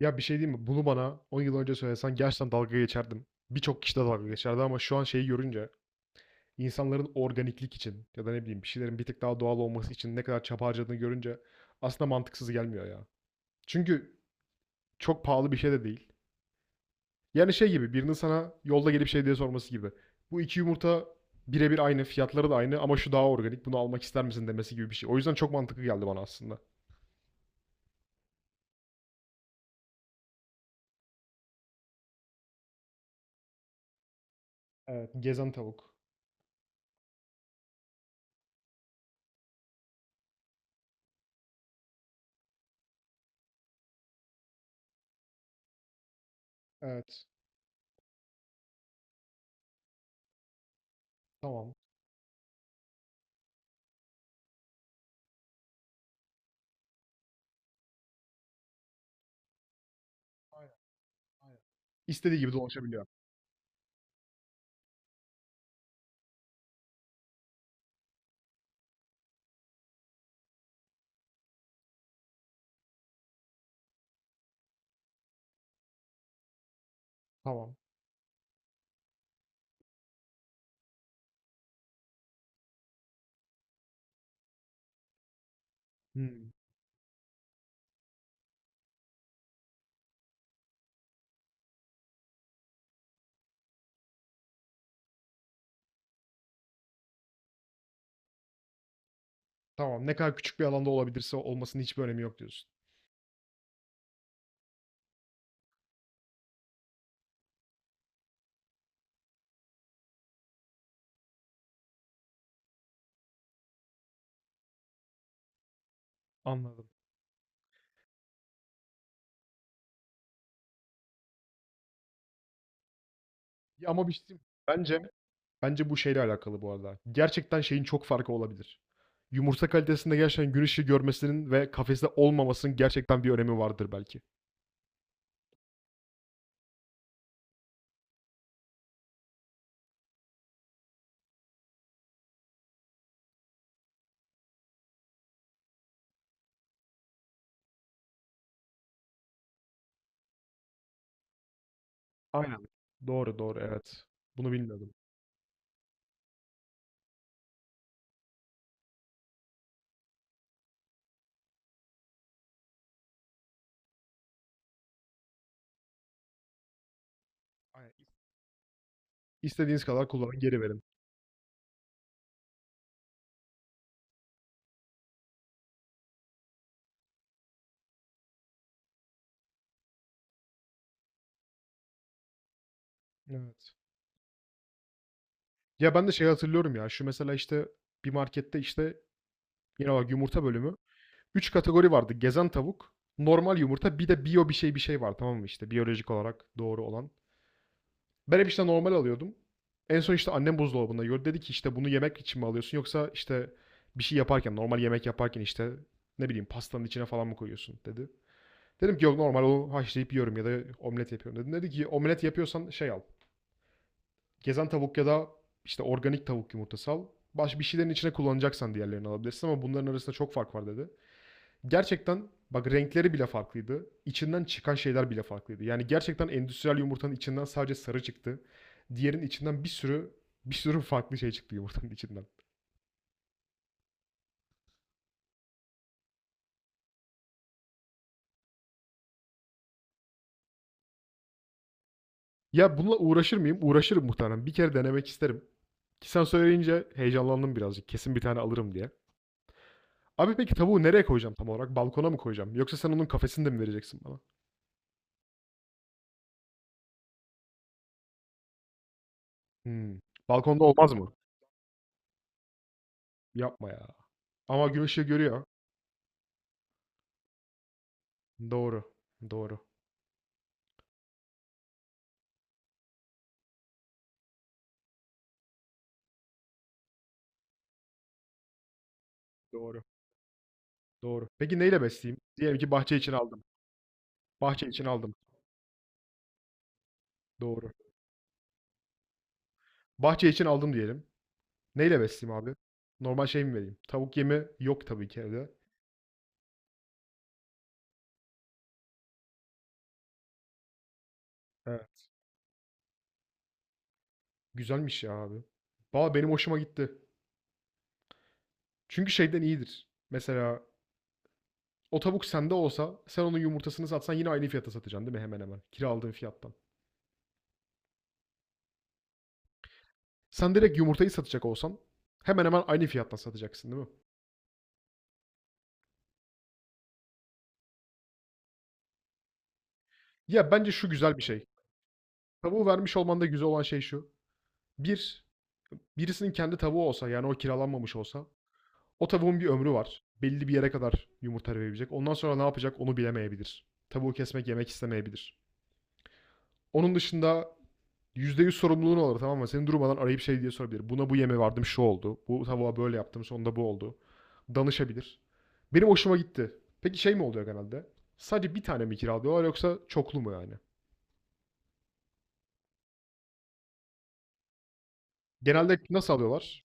Ya bir şey diyeyim mi? Bunu bana 10 yıl önce söylesen gerçekten dalga geçerdim. Birçok kişi de dalga geçerdi ama şu an şeyi görünce insanların organiklik için ya da ne bileyim bir şeylerin bir tık daha doğal olması için ne kadar çaba harcadığını görünce aslında mantıksız gelmiyor ya. Çünkü çok pahalı bir şey de değil. Yani şey gibi birinin sana yolda gelip şey diye sorması gibi. Bu iki yumurta birebir aynı, fiyatları da aynı ama şu daha organik, bunu almak ister misin demesi gibi bir şey. O yüzden çok mantıklı geldi bana aslında. Evet, gezen tavuk. Evet, tamam. Aynen, aynen. İstediği gibi dolaşabiliyor. Tamam. Hımm. Tamam, ne kadar küçük bir alanda olabilirse olmasının hiçbir önemi yok diyorsun. Anladım. Ya, ama bir şey diyeyim mi? Bence bu şeyle alakalı bu arada. Gerçekten şeyin çok farkı olabilir. Yumurta kalitesinde gerçekten gün ışığı görmesinin ve kafeste olmamasının gerçekten bir önemi vardır belki. Aynen. Doğru doğru evet. Bunu bilmiyordum. Aynen. İstediğiniz kadar kullanın geri verin. Evet. Ya ben de şey hatırlıyorum ya. Şu mesela işte bir markette işte yine bak yumurta bölümü. Üç kategori vardı. Gezen tavuk, normal yumurta, bir de biyo bir şey bir şey var tamam mı işte biyolojik olarak doğru olan. Ben hep işte normal alıyordum. En son işte annem buzdolabında gördü. Dedi ki işte bunu yemek için mi alıyorsun yoksa işte bir şey yaparken normal yemek yaparken işte ne bileyim pastanın içine falan mı koyuyorsun dedi. Dedim ki yok normal onu haşlayıp yiyorum ya da omlet yapıyorum dedim. Dedi ki omlet yapıyorsan şey al. Gezen tavuk ya da işte organik tavuk yumurtası al. Baş bir şeylerin içine kullanacaksan diğerlerini alabilirsin ama bunların arasında çok fark var dedi. Gerçekten bak renkleri bile farklıydı. İçinden çıkan şeyler bile farklıydı. Yani gerçekten endüstriyel yumurtanın içinden sadece sarı çıktı. Diğerinin içinden bir sürü bir sürü farklı şey çıktı yumurtanın içinden. Ya bununla uğraşır mıyım? Uğraşırım muhtemelen. Bir kere denemek isterim. Ki sen söyleyince heyecanlandım birazcık. Kesin bir tane alırım diye. Abi peki tavuğu nereye koyacağım tam olarak? Balkona mı koyacağım? Yoksa sen onun kafesini de mi vereceksin bana? Hımm. Balkonda olmaz mı? Yapma ya. Ama gün ışığı görüyor. Doğru, doğru, doğru, doğru. Peki neyle besleyeyim? Diyelim ki bahçe için aldım. Bahçe için aldım. Doğru. Bahçe için aldım diyelim. Neyle besleyeyim abi? Normal şey mi vereyim? Tavuk yemi yok tabii ki evde. Evet. Güzelmiş ya abi. Valla benim hoşuma gitti. Çünkü şeyden iyidir. Mesela o tavuk sende olsa sen onun yumurtasını satsan yine aynı fiyata satacaksın değil mi hemen hemen? Kira aldığın fiyattan. Sen direkt yumurtayı satacak olsan hemen hemen aynı fiyattan satacaksın değil mi? Ya, bence şu güzel bir şey. Tavuğu vermiş olmanda güzel olan şey şu. bir birisinin kendi tavuğu olsa, yani o kiralanmamış olsa, o tavuğun bir ömrü var. Belli bir yere kadar yumurta verebilecek. Ondan sonra ne yapacak onu bilemeyebilir. Tavuğu kesmek, yemek istemeyebilir. Onun dışında %100 sorumluluğun olur tamam mı? Seni durmadan arayıp şey diye sorabilir. Buna bu yeme vardım şu oldu. Bu tavuğa böyle yaptım sonunda bu oldu. Danışabilir. Benim hoşuma gitti. Peki şey mi oluyor genelde? Sadece bir tane mi kiralıyorlar yoksa çoklu mu yani? Genelde nasıl alıyorlar?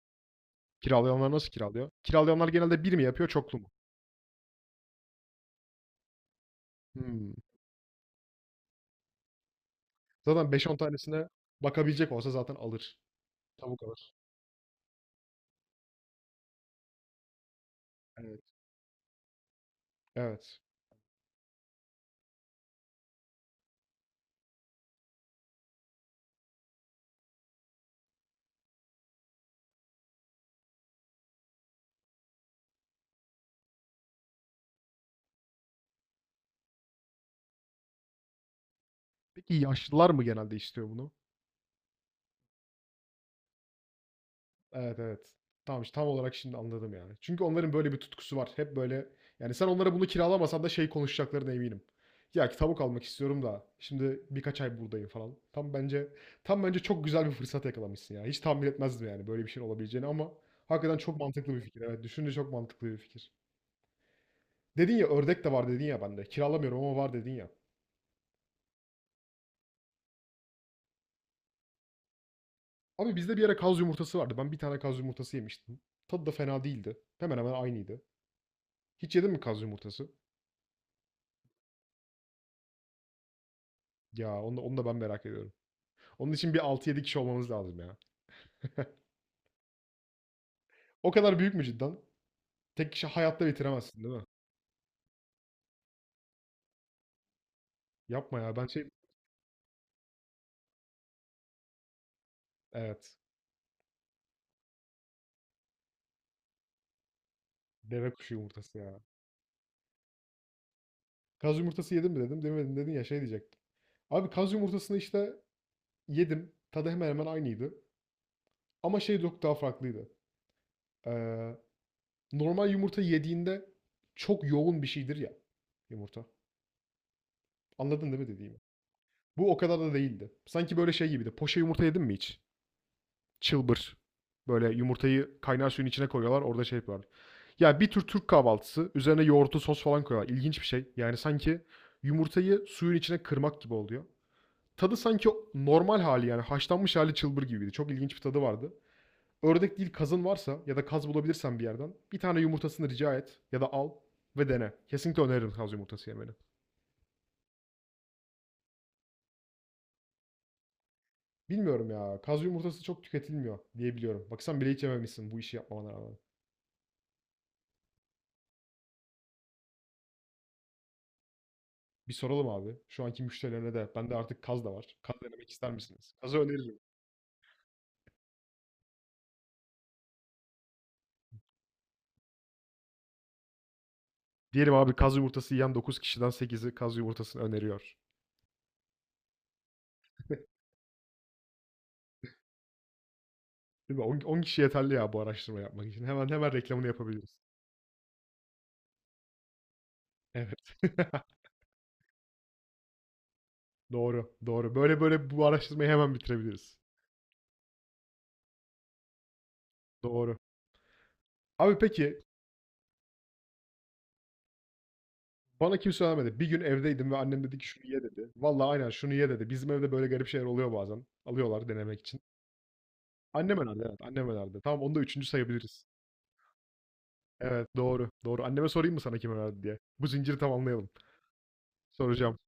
Kiralayanlar nasıl kiralıyor? Kiralayanlar genelde bir mi yapıyor, çoklu mu? Hımm. Zaten beş on tanesine bakabilecek olsa zaten alır. Çabuk alır. Evet, evet. Peki yaşlılar mı genelde istiyor bunu? Evet, evet. Tamam, işte tam olarak şimdi anladım yani. Çünkü onların böyle bir tutkusu var. Hep böyle yani sen onlara bunu kiralamasan da şey konuşacaklarına eminim. "Ya, ki tavuk almak istiyorum da şimdi birkaç ay buradayım." falan. Tam bence çok güzel bir fırsat yakalamışsın ya. Hiç tahmin etmezdim yani böyle bir şeyin olabileceğini ama hakikaten çok mantıklı bir fikir. Evet, düşününce çok mantıklı bir fikir. Dedin ya ördek de var dedin ya bende. Kiralamıyorum ama var dedin ya. Abi bizde bir ara kaz yumurtası vardı. Ben bir tane kaz yumurtası yemiştim. Tadı da fena değildi. Hemen hemen aynıydı. Hiç yedin mi kaz yumurtası? Onu da ben merak ediyorum. Onun için bir altı 7 kişi olmamız lazım ya. O kadar büyük mü cidden? Tek kişi hayatta bitiremezsin değil mi? Yapma ya ben şey... Evet. Deve kuşu yumurtası ya. Kaz yumurtası yedin mi dedim. Demedim dedin ya şey diyecektim. Abi kaz yumurtasını işte yedim. Tadı hemen hemen aynıydı. Ama şey çok daha farklıydı. Ee, Normal yumurta yediğinde çok yoğun bir şeydir ya yumurta. Anladın değil mi dediğimi? Bu o kadar da değildi. Sanki böyle şey gibiydi. Poşe yumurta yedin mi hiç? Çılbır. Böyle yumurtayı kaynar suyun içine koyuyorlar. Orada şey yapıyorlar. Ya bir tür Türk kahvaltısı. Üzerine yoğurtlu sos falan koyuyorlar. İlginç bir şey. Yani sanki yumurtayı suyun içine kırmak gibi oluyor. Tadı sanki normal hali yani haşlanmış hali çılbır gibiydi. Çok ilginç bir tadı vardı. Ördek değil kazın varsa ya da kaz bulabilirsen bir yerden bir tane yumurtasını rica et ya da al ve dene. Kesinlikle öneririm kaz yumurtası yemeni. Bilmiyorum ya kaz yumurtası çok tüketilmiyor diye biliyorum. Bak sen bile hiç yememişsin bu işi yapmamana rağmen. Bir soralım abi. Şu anki müşterilerine de bende artık kaz da var. Kaz denemek ister misiniz? Kazı öneririm. Diyelim abi kaz yumurtası yiyen 9 kişiden 8'i kaz yumurtasını öneriyor. Değil mi? 10, 10 kişi yeterli ya bu araştırma yapmak için. Hemen hemen reklamını yapabiliriz. Evet. Doğru, doğru. Böyle böyle bu araştırmayı hemen bitirebiliriz. Doğru. Abi peki bana kimse söylemedi. Bir gün evdeydim ve annem dedi ki şunu ye dedi. Vallahi aynen şunu ye dedi. Bizim evde böyle garip şeyler oluyor bazen. Alıyorlar denemek için. Annem önerdi evet. Annem önerdi. Tamam onu da üçüncü sayabiliriz. Evet doğru. Doğru. Anneme sorayım mı sana kim önerdi diye. Bu zinciri tamamlayalım. Soracağım.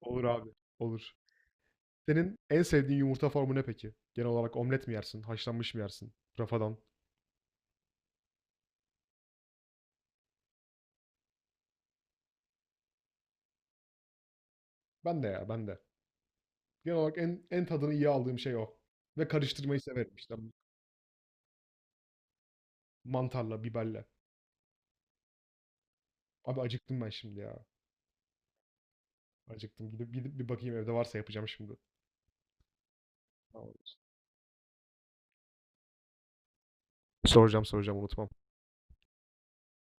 Olur abi. Olur. Senin en sevdiğin yumurta formu ne peki? Genel olarak omlet mi yersin? Haşlanmış mı yersin? Rafadan. Ben de ya ben de. Genel olarak en tadını iyi aldığım şey o. Ve karıştırmayı severim işte. Mantarla, biberle. Abi acıktım ben şimdi ya. Acıktım. Gidip gidip bir bakayım evde varsa yapacağım şimdi. Tamam. Soracağım soracağım unutmam.